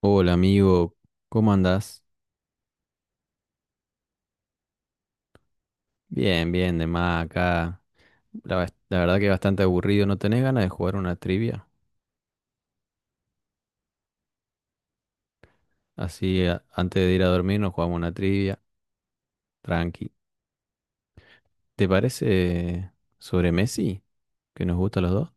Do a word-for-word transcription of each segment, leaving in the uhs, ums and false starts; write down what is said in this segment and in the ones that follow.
Hola amigo, ¿cómo andás? Bien, bien, de más acá. La, bas- la verdad que bastante aburrido. ¿No tenés ganas de jugar una trivia? Así, a- antes de ir a dormir nos jugamos una trivia. Tranqui. ¿Te parece sobre Messi? Que nos gusta a los dos.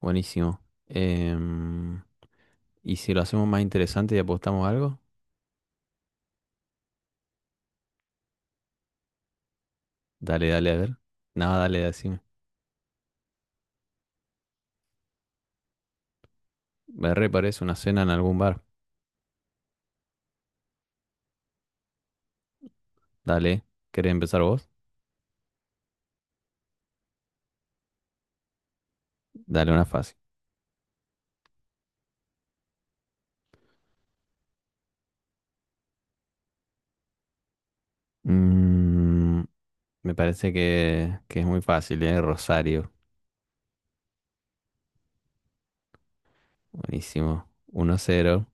Buenísimo. Em, ¿y si lo hacemos más interesante y apostamos algo? Dale, dale, a ver. Nada, dale, decime. Me re parece una cena en algún bar. Dale. ¿Querés empezar vos? Dale una fácil. Mm, Me parece que, que es muy fácil, ¿eh? Rosario. Buenísimo. uno cero.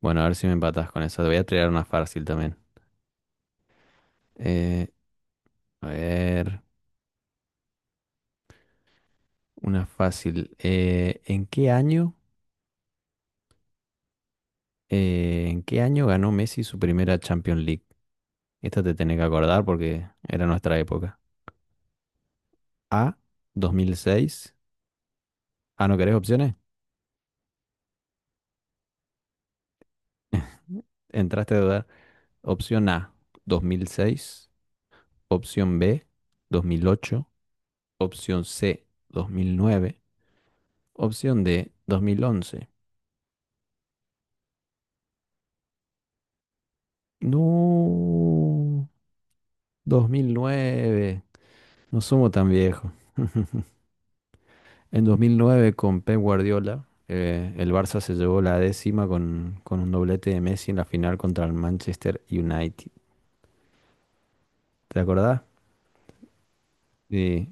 Bueno, a ver si me empatás con eso. Te voy a tirar una fácil también. Eh, a ver, una fácil. Eh, ¿en qué año, eh, en qué año ganó Messi su primera Champions League? Esta te tenés que acordar porque era nuestra época. A, dos mil seis. Ah, ¿no querés opciones? Entraste a dudar. Opción A, dos mil seis. Opción B, dos mil ocho. Opción C, dos mil nueve. Opción D, dos mil once. No, dos mil nueve. No somos tan viejos. En dos mil nueve con Pep Guardiola, eh, el Barça se llevó la décima con, con un doblete de Messi en la final contra el Manchester United. ¿Te acordás? Sí,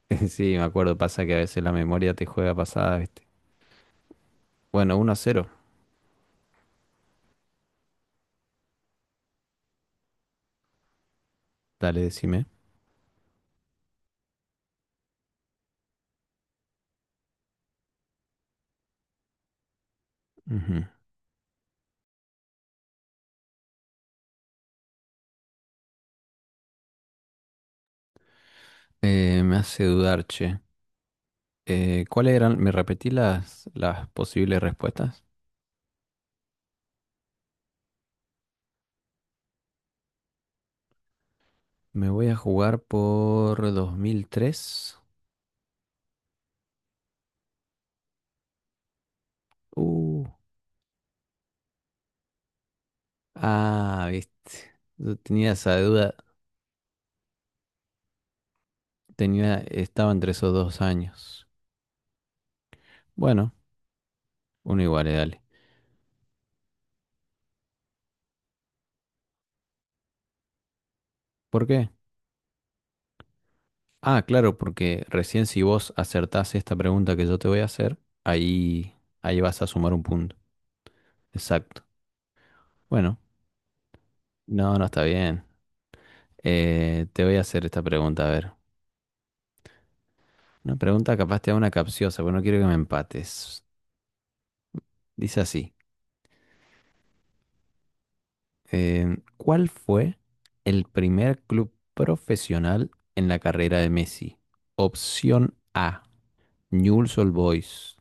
sí, me acuerdo. Pasa que a veces la memoria te juega pasada, ¿viste? Bueno, uno a cero. Dale, decime. Ujú. Eh, me hace dudar, che. Eh, ¿cuáles eran? ¿Me repetí las, las posibles respuestas? Me voy a jugar por dos mil tres. Uh, ah, viste. Yo tenía esa duda. Tenía, estaba entre esos dos años. Bueno, uno igual, eh, dale. ¿Por qué? Ah, claro, porque recién si vos acertás esta pregunta que yo te voy a hacer, ahí, ahí vas a sumar un punto. Exacto. Bueno, no, no está bien. Eh, te voy a hacer esta pregunta, a ver. Una pregunta capaz te da una capciosa, pero no quiero que me empates. Dice así. Em, ¿cuál fue el primer club profesional en la carrera de Messi? Opción A, Newell's Old Boys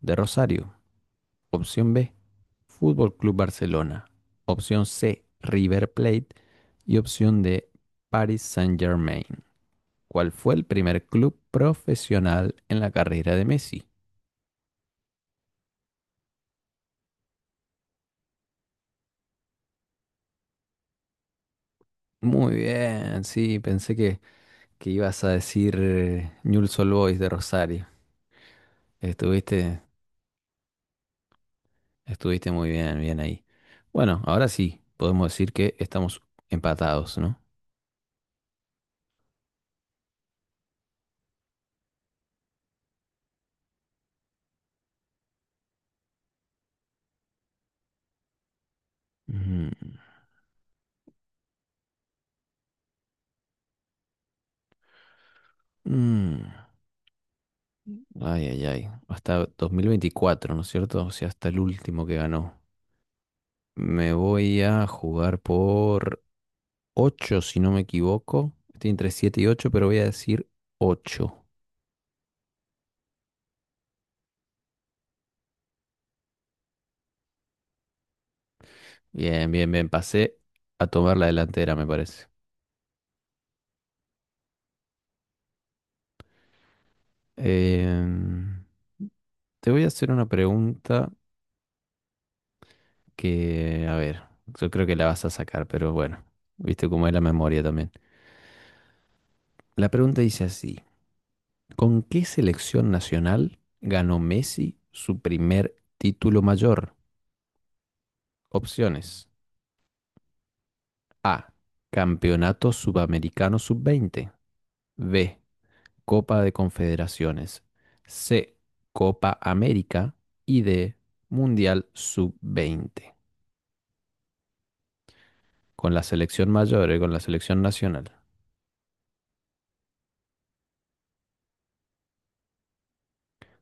de Rosario. Opción B, Fútbol Club Barcelona. Opción C, River Plate. Y opción D, Paris Saint-Germain. ¿Cuál fue el primer club profesional en la carrera de Messi? Muy bien, sí, pensé que, que ibas a decir eh, Newell's Old Boys de Rosario. Estuviste Estuviste muy bien, bien ahí. Bueno, ahora sí, podemos decir que estamos empatados, ¿no? Mm, mm, Ay, ay, ay. Hasta dos mil veinticuatro, ¿no es cierto? O sea, hasta el último que ganó. Me voy a jugar por ocho, si no me equivoco. Estoy entre siete y ocho, pero voy a decir ocho. Bien, bien, bien. Pasé a tomar la delantera, me parece. Em, te voy a hacer una pregunta que, a ver, yo creo que la vas a sacar, pero bueno, viste cómo es la memoria también. La pregunta dice así, ¿con qué selección nacional ganó Messi su primer título mayor? Opciones. A. Campeonato Sudamericano sub veinte. B. Copa de Confederaciones. C. Copa América. Y D. Mundial sub veinte. Con la selección mayor y con la selección nacional.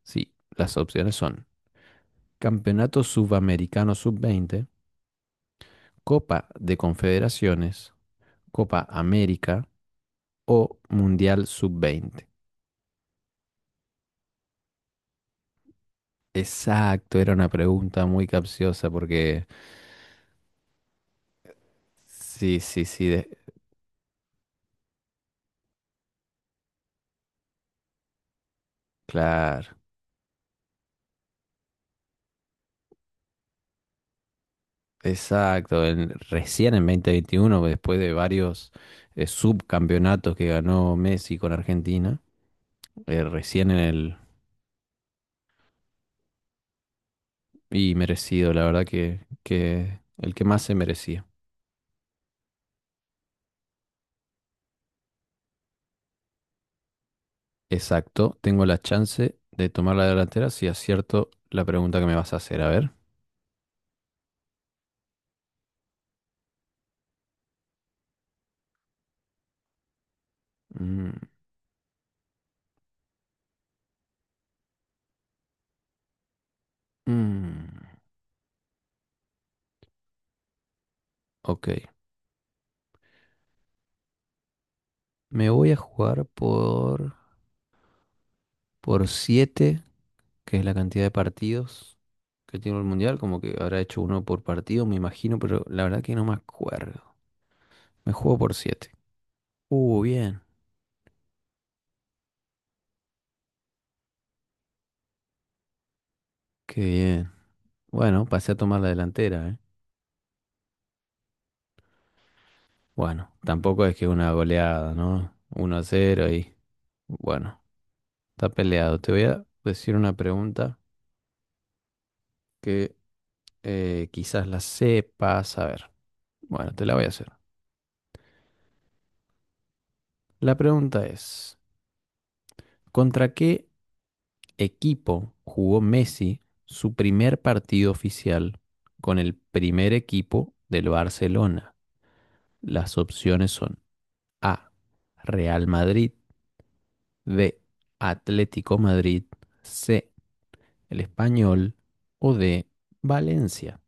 Sí, las opciones son... Campeonato Sudamericano sub veinte, Copa de Confederaciones, Copa América o Mundial sub veinte. Exacto, era una pregunta muy capciosa porque sí, sí, sí, de- claro, exacto. en- recién en dos mil veintiuno, después de varios eh, subcampeonatos que ganó Messi con Argentina, eh, recién en el... Y merecido, la verdad que, que el que más se merecía. Exacto, tengo la chance de tomar la delantera si acierto la pregunta que me vas a hacer. A ver. Mm, mm, ok, me voy a jugar por, por siete, que es la cantidad de partidos que tiene el Mundial. Como que habrá hecho uno por partido, me imagino, pero la verdad que no me acuerdo. Me juego por siete. Uh, bien, qué bien. Bueno, pasé a tomar la delantera, ¿eh? Bueno, tampoco es que una goleada, ¿no? Uno a cero y bueno. Está peleado. Te voy a decir una pregunta que eh, quizás la sepas. A ver, bueno, te la voy a hacer. La pregunta es, ¿contra qué equipo jugó Messi su primer partido oficial con el primer equipo del Barcelona? Las opciones son A, Real Madrid, B, Atlético Madrid, C, el Español o D, Valencia.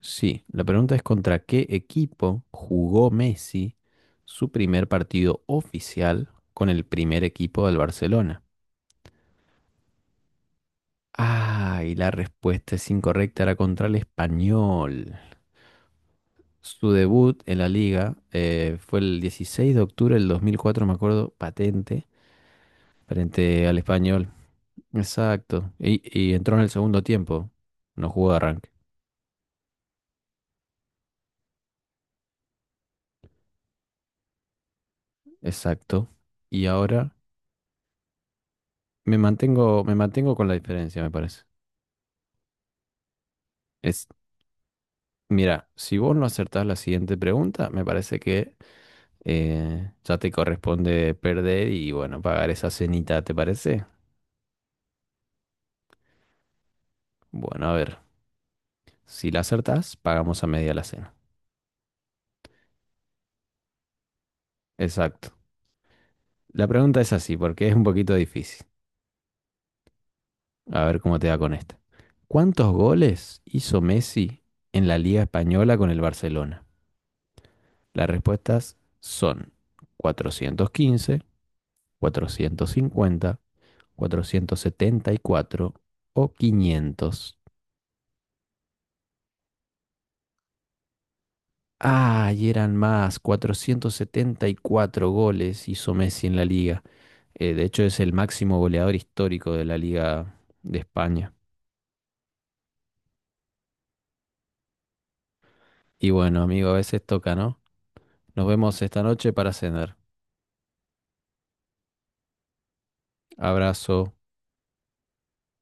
Sí, la pregunta es contra qué equipo jugó Messi su primer partido oficial con el primer equipo del Barcelona. Ah, y la respuesta es incorrecta, era contra el Español. Su debut en la liga eh, fue el dieciséis de octubre del dos mil cuatro, me acuerdo, patente, frente al Español. Exacto. Y, y entró en el segundo tiempo, no jugó de arranque. Exacto. Y ahora me mantengo, me mantengo con la diferencia, me parece. Mira, si vos no acertás la siguiente pregunta, me parece que eh, ya te corresponde perder y bueno, pagar esa cenita, ¿te parece? Bueno, a ver, si la acertás, pagamos a media la cena. Exacto. La pregunta es así, porque es un poquito difícil. A ver cómo te va con esta. ¿Cuántos goles hizo Messi en la Liga Española con el Barcelona? Las respuestas son cuatrocientos cuatrocientos cuatrocientos quince, cincuenta, cuatrocientos setenta y cuatro o quinientos. Ah, y eran más, cuatrocientos setenta y cuatro goles hizo Messi en la liga. Eh, de hecho, es el máximo goleador histórico de la liga de España. Y bueno, amigo, a veces toca, ¿no? Nos vemos esta noche para cenar. Abrazo.